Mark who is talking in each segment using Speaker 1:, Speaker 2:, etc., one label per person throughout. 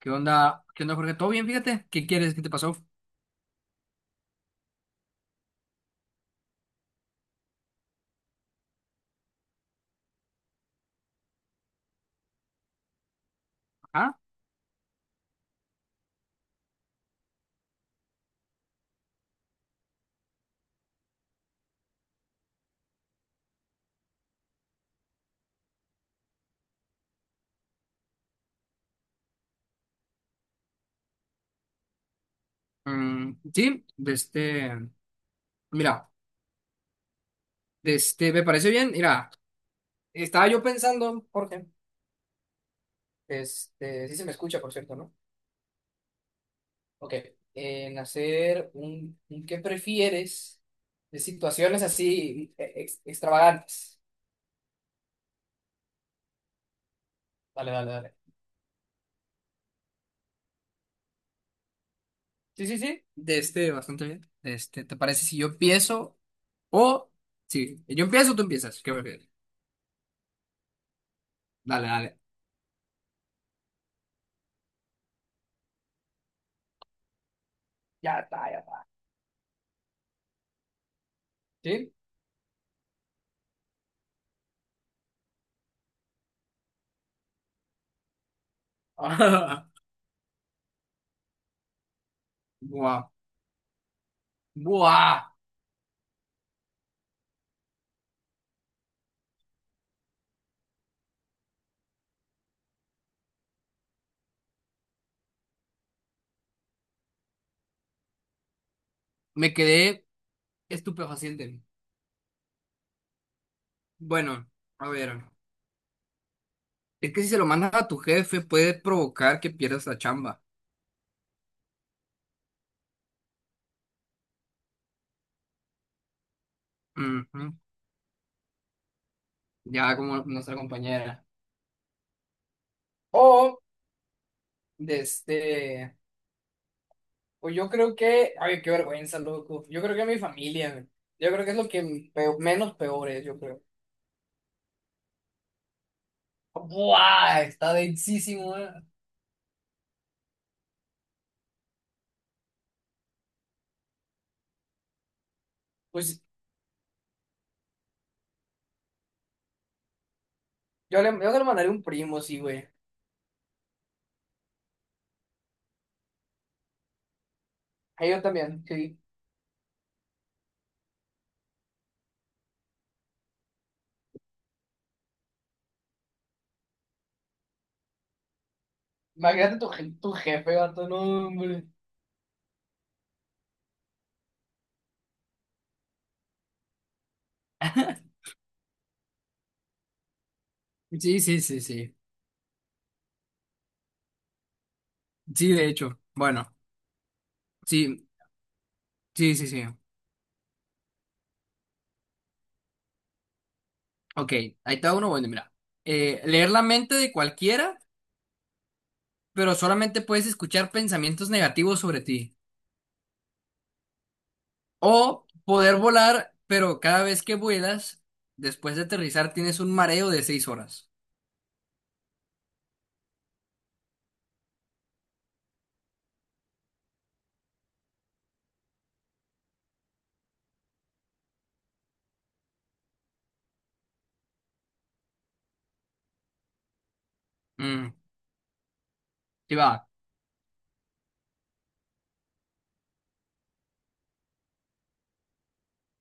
Speaker 1: ¿Qué onda? ¿Qué onda, Jorge? ¿Todo bien? Fíjate. ¿Qué quieres? ¿Qué te pasó? Ajá. Mm, sí, de este. Mira, me parece bien. Mira, estaba yo pensando, Jorge. Sí se me escucha, por cierto, ¿no? Ok. En hacer un qué prefieres de situaciones así extravagantes. Dale, dale, dale. Sí, sí, sí. Bastante bien. ¿Te parece si yo empiezo o. Sí, yo empiezo o tú empiezas? ¿Qué prefieres? Dale, dale. Ya está, ya está. ¿Sí? Ah, Buah, buah, me quedé estupefaciente. Bueno, a ver, es que si se lo mandas a tu jefe puede provocar que pierdas la chamba. Ujú. Ya como nuestra compañera. O, de este, o yo creo que, ay, qué vergüenza, loco. Yo creo que mi familia, yo creo que es lo que menos peor es, yo creo. Buah, está densísimo, eh. Pues yo le mandaré un primo, sí, güey. A yo también, sí. Imagínate tu jefe, gato, no, hombre. Sí, sí, sí, sí. Sí, de hecho. Bueno, sí, sí, sí, sí. Ok, ahí está uno. Bueno, mira. Leer la mente de cualquiera, pero solamente puedes escuchar pensamientos negativos sobre ti. O poder volar, pero cada vez que vuelas, después de aterrizar, tienes un mareo de seis horas. Mm, sí va.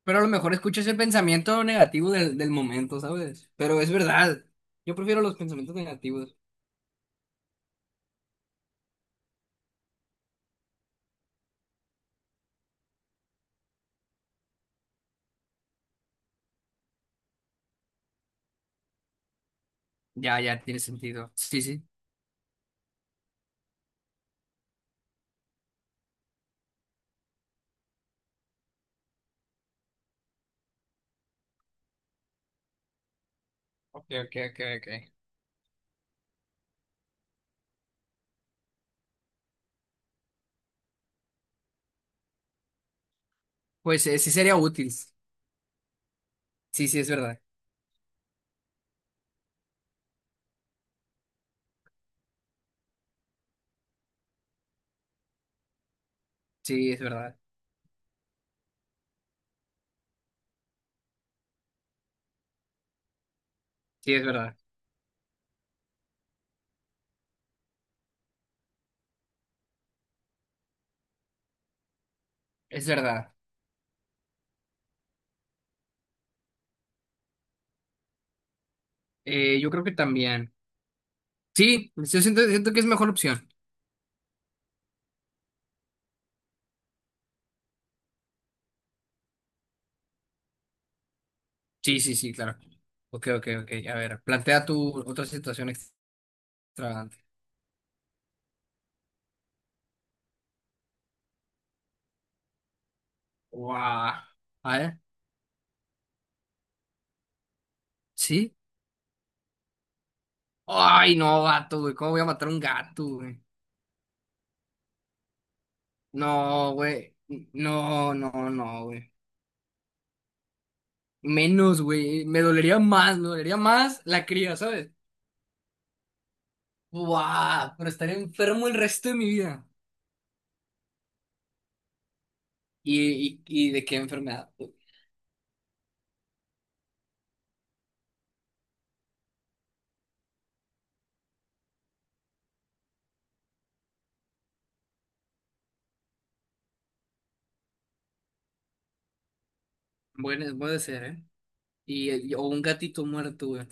Speaker 1: Pero a lo mejor escuchas el pensamiento negativo del momento, ¿sabes? Pero es verdad. Yo prefiero los pensamientos negativos. Ya, ya, tiene sentido. Sí, sí. Ok, ok, ok, ok. Pues sí sería útil. Sí, sí, es verdad. Sí, es verdad. Sí, es verdad. Es verdad. Yo creo que también. Sí, siento que es mejor opción. Sí, sí, sí, claro. Ok, ok, ok. A ver, plantea tu otra situación extravagante. Guau. A ver, ¿sí? Ay, no, gato, güey. ¿Cómo voy a matar a un gato, güey? No, güey. No, no, no, güey. Menos, güey. Me dolería más la cría, ¿sabes? Buah, pero estaré enfermo el resto de mi vida. Y de qué enfermedad, güey? Bueno, puede ser, ¿eh? Y, o un gatito muerto, güey.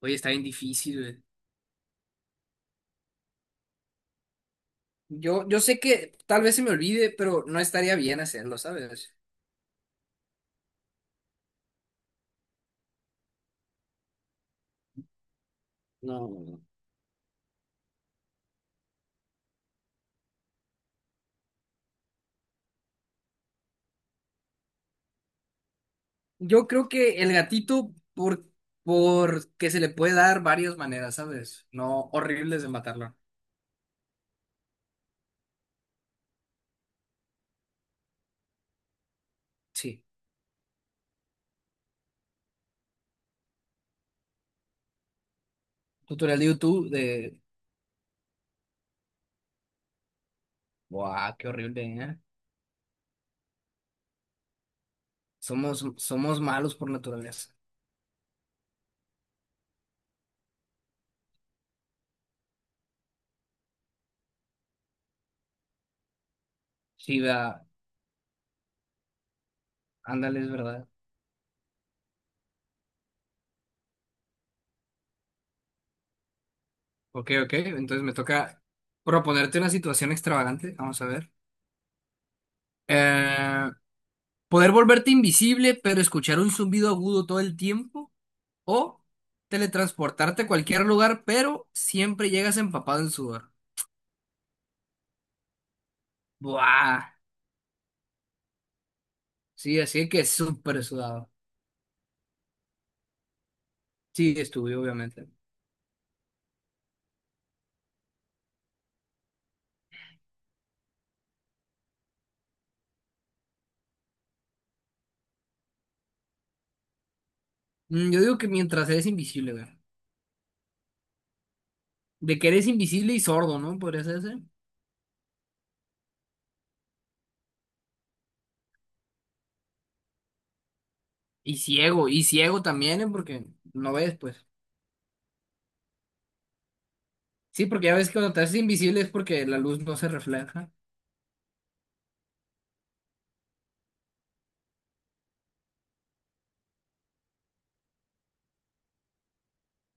Speaker 1: Oye, está bien difícil, güey. Yo sé que tal vez se me olvide, pero no estaría bien hacerlo, ¿sabes? No. Yo creo que el gatito, porque se le puede dar varias maneras, ¿sabes? No horribles de matarlo. Sí. Tutorial de YouTube de... Buah, qué horrible, ¿eh? Somos malos por naturaleza. Sí, vea. Ándale, es verdad. Ok, ok. Entonces me toca proponerte una situación extravagante. Vamos a ver. Eh, poder volverte invisible, pero escuchar un zumbido agudo todo el tiempo. O teletransportarte a cualquier lugar, pero siempre llegas empapado en sudor. Buah. Sí, así que súper sudado. Sí, estuve, obviamente. Mm, yo digo que mientras eres invisible, güey. De que eres invisible y sordo, ¿no? Podría ser ese. Y ciego también, ¿eh? Porque no ves, pues. Sí, porque ya ves que cuando te haces invisible es porque la luz no se refleja.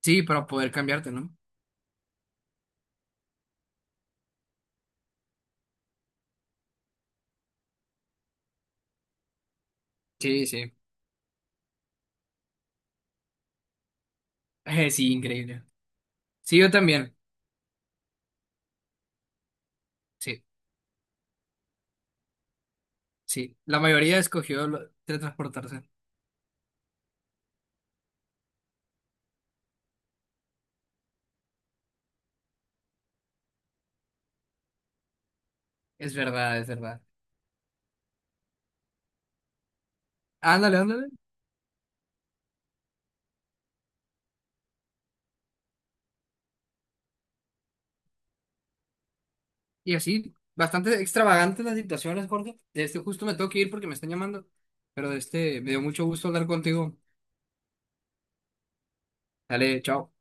Speaker 1: Sí, para poder cambiarte, ¿no? Sí, sí. Sí, increíble. Sí, yo también. Sí, sí. La mayoría escogió teletransportarse. Es verdad, es verdad. Ándale, ándale. Y así, bastante extravagantes las situaciones, Jorge. De este justo me tengo que ir porque me están llamando. Pero me dio mucho gusto hablar contigo. Dale, chao.